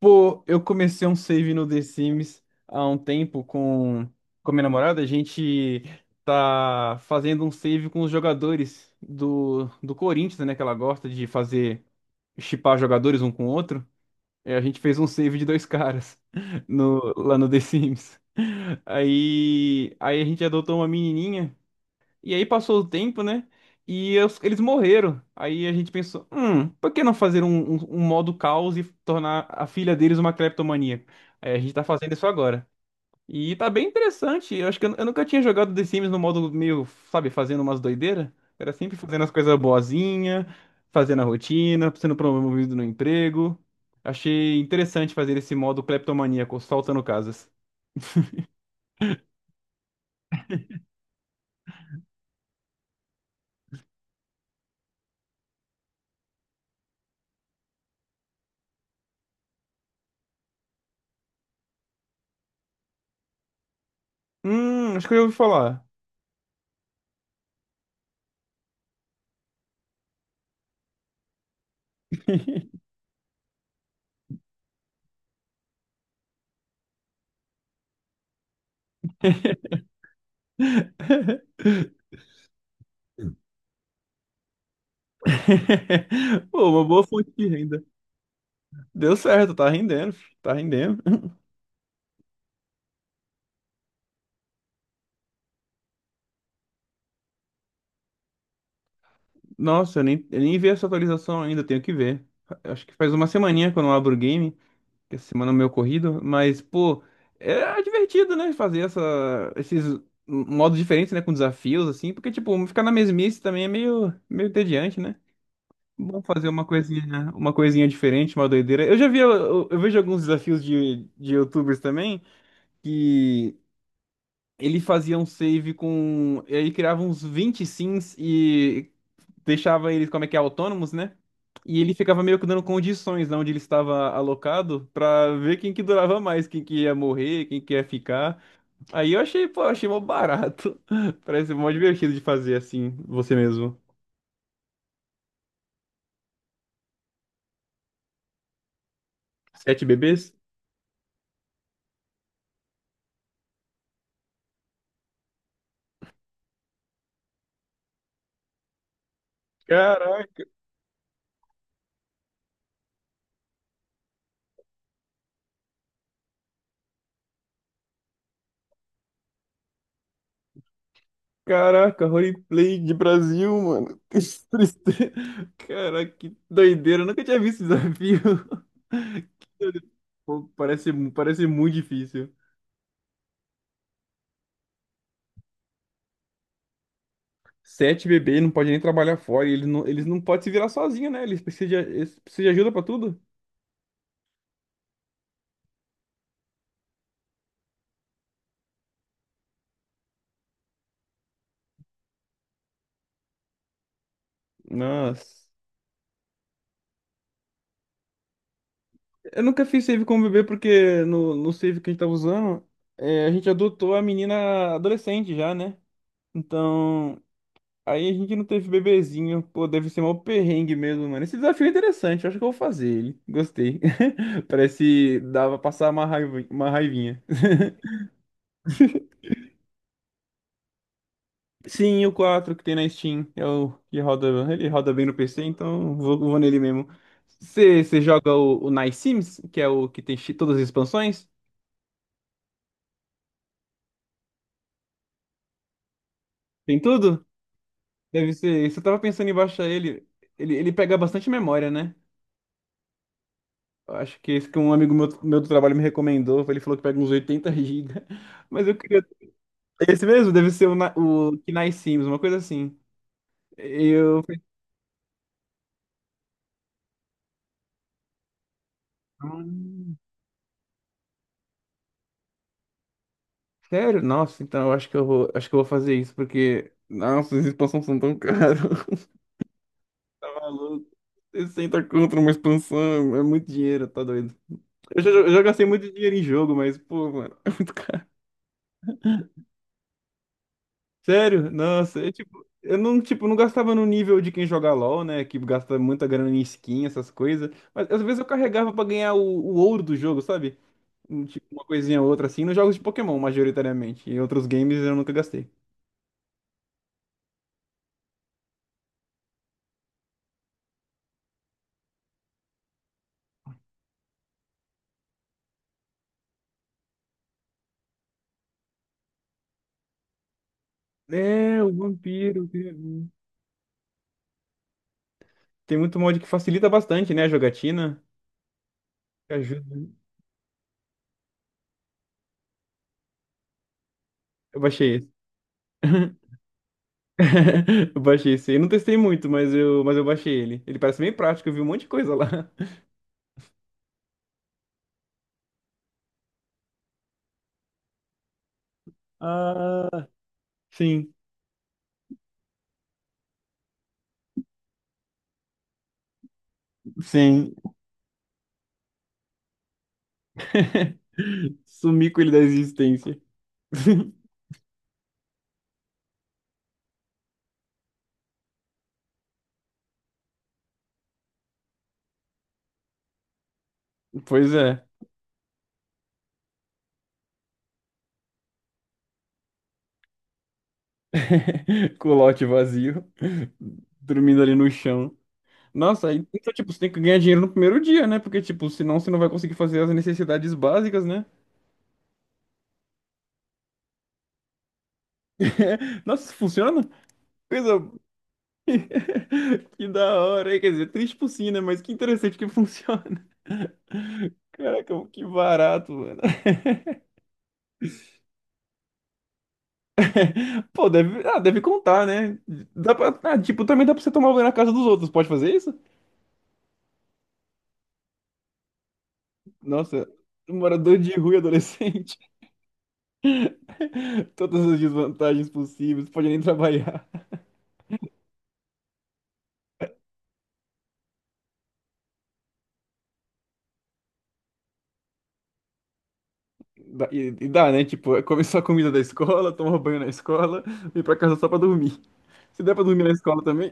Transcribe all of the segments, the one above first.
Pô, eu comecei um save no The Sims há um tempo com a minha namorada. A gente tá fazendo um save com os jogadores do Corinthians, né? Que ela gosta de fazer, shippar jogadores um com o outro. E a gente fez um save de dois caras no, lá no The Sims. Aí a gente adotou uma menininha. E aí passou o tempo, né? E eles morreram. Aí a gente pensou, por que não fazer um modo caos e tornar a filha deles uma cleptomaníaca? Aí a gente tá fazendo isso agora. E tá bem interessante. Eu acho que eu nunca tinha jogado The Sims no modo meio, sabe, fazendo umas doideiras. Era sempre fazendo as coisas boazinha, fazendo a rotina, sendo promovido no emprego. Achei interessante fazer esse modo cleptomaníaco, soltando casas. Acho que eu já ouvi falar. Pô, uma boa fonte de renda. Deu certo, tá rendendo, fi, tá rendendo. Nossa, eu nem vi essa atualização ainda, tenho que ver. Acho que faz uma semaninha que eu não abro o game, que essa semana é meio corrido, mas, pô, é divertido, né? Fazer esses modos diferentes, né? Com desafios, assim, porque, tipo, ficar na mesmice também é meio entediante, né? Bom fazer uma coisinha diferente, uma doideira. Eu já vi, eu vejo alguns desafios de YouTubers também, que ele fazia um save com, e aí criava uns 20 sims e deixava eles, como é que é, autônomos, né? E ele ficava meio que dando condições, né, onde ele estava alocado pra ver quem que durava mais, quem que ia morrer, quem que ia ficar. Aí eu achei, pô, achei mó barato. Parece mó divertido de fazer assim, você mesmo. Sete bebês? Caraca, caraca, roleplay de Brasil, mano. Que tristeza. Caraca, que doideira. Eu nunca tinha visto esse desafio. Que doideira. Pô, parece muito difícil. Sete bebês não pode nem trabalhar fora. E eles não podem se virar sozinhos, né? Eles precisam de ajuda pra tudo. Nossa. Eu nunca fiz save com bebê porque no save que a gente tava usando, é, a gente adotou a menina adolescente já, né? Então, aí a gente não teve bebezinho. Pô, deve ser mó perrengue mesmo, mano. Esse desafio é interessante, eu acho que eu vou fazer ele. Gostei. Parece dava pra passar uma raiva, uma raivinha. Sim, o 4 que tem na Steam. É o que roda. Ele roda bem no PC, então vou nele mesmo. Você joga o Nice Sims, que é o que tem todas as expansões? Tem tudo? Deve ser. Isso eu tava pensando em baixar ele. Ele pega bastante memória, né? Eu acho que esse que um amigo meu do trabalho me recomendou. Ele falou que pega uns 80 GB. Mas eu queria. Esse mesmo? Deve ser o que Nice Sims, uma coisa assim. Eu. "Hum." Sério? Nossa, então eu acho que eu vou, acho que eu vou fazer isso, porque. Nossa, as expansões são tão caras. Tá maluco? 60 contra uma expansão, é muito dinheiro, tá doido. Eu já gastei muito dinheiro em jogo, mas, pô, mano, é muito caro. Sério? Nossa, eu, tipo, eu não, tipo, não gastava no nível de quem joga LoL, né? Que gasta muita grana em skin, essas coisas. Mas às vezes eu carregava pra ganhar o ouro do jogo, sabe? Tipo, uma coisinha ou outra assim, nos jogos de Pokémon, majoritariamente. Em outros games eu nunca gastei. É, o vampiro. Tem muito mod que facilita bastante, né, a jogatina. Que Ajuda. Eu baixei esse. Eu baixei esse. Eu não testei muito, mas eu baixei ele. Ele parece bem prático, eu vi um monte de coisa lá. Ah, sim, sim. Sumi com ele da existência. Pois é. Com o lote vazio, dormindo ali no chão. Nossa, aí, então, tipo, você tem que ganhar dinheiro no primeiro dia, né? Porque, tipo, senão você não vai conseguir fazer as necessidades básicas, né? Nossa, isso funciona? Coisa. Que da hora, hein? Quer dizer, triste por si, né? Mas que interessante que funciona. Caraca, que barato, mano. Pô, deve contar, né? Ah, tipo, também dá pra você tomar banho na casa dos outros. Pode fazer isso? Nossa, um morador de rua e adolescente. Todas as desvantagens possíveis, pode nem trabalhar. E, dá, né? Tipo, é comer só comida da escola, tomar banho na escola, ir pra casa só pra dormir. Se der pra dormir na escola também.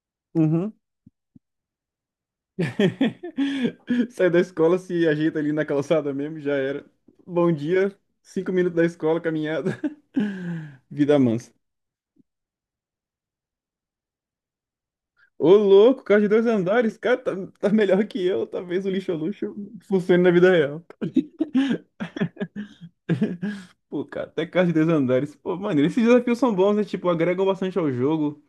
Uhum. Sai da escola, se ajeita ali na calçada mesmo, já era. Bom dia, 5 minutos da escola, caminhada. Vida mansa. Ô, louco, carro de dois andares, cara, tá melhor que eu. Talvez o lixo é luxo funcione na vida real. Pô, cara, até carro de dois andares. Pô, mano, esses desafios são bons, né? Tipo, agregam bastante ao jogo.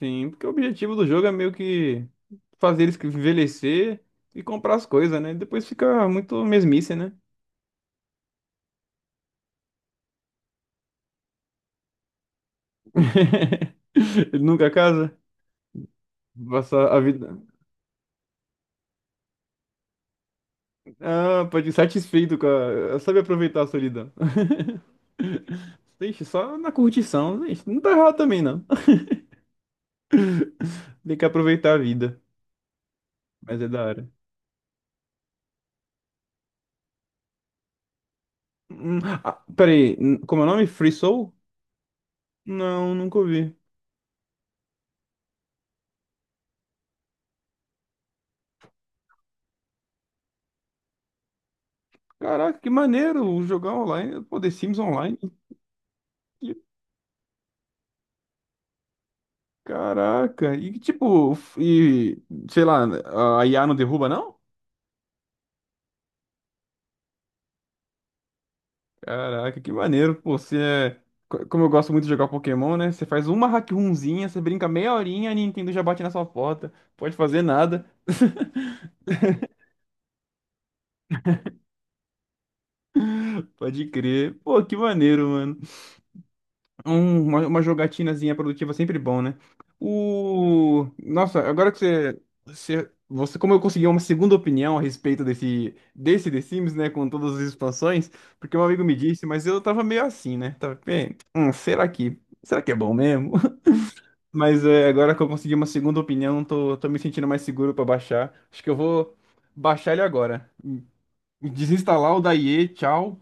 Sim, porque o objetivo do jogo é meio que fazer eles envelhecer e comprar as coisas, né? Depois fica muito mesmice, né? Ele nunca casa. Passar a vida. Ah, pode ir satisfeito com a. Sabe aproveitar a solidão. Deixa, só na curtição. Deixa, não tá errado também, não. Tem que aproveitar a vida. Mas é da hora. Ah, peraí, como é o nome? Free Soul? Não, nunca ouvi. Caraca, que maneiro jogar online. Pô, The Sims Online. Que- Caraca. E que tipo, e sei lá, a IA não derruba, não? Caraca, que maneiro, pô. Você é. Como eu gosto muito de jogar Pokémon, né? Você faz uma hack runzinha, você brinca meia horinha, a Nintendo já bate na sua porta. Pode fazer nada. Pode crer. Pô, que maneiro, mano. Uma jogatinazinha produtiva é sempre bom, né? Nossa, agora que você, como eu consegui uma segunda opinião a respeito desse The Sims, né? Com todas as expansões, porque um amigo me disse, mas eu tava meio assim, né? Tava, "Bem, será que é bom mesmo? Mas é, agora que eu consegui uma segunda opinião, tô me sentindo mais seguro pra baixar. Acho que eu vou baixar ele agora. Desinstalar o da IE, tchau,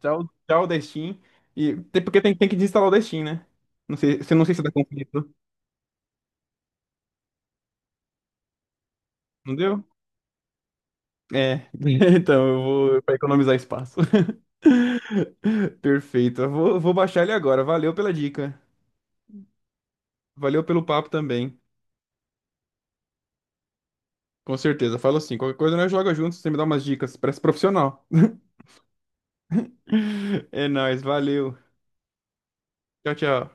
tchau, tchau da Steam. E, até porque tem que desinstalar o da Steam, né? Não sei, não sei se dá conflito. Não deu? É, então eu vou pra economizar espaço. Perfeito. Eu vou baixar ele agora. Valeu pela dica. Valeu pelo papo também. Com certeza. Falo assim, qualquer coisa nós joga juntos, você me dá umas dicas. Parece profissional. É nóis, valeu. Tchau, tchau.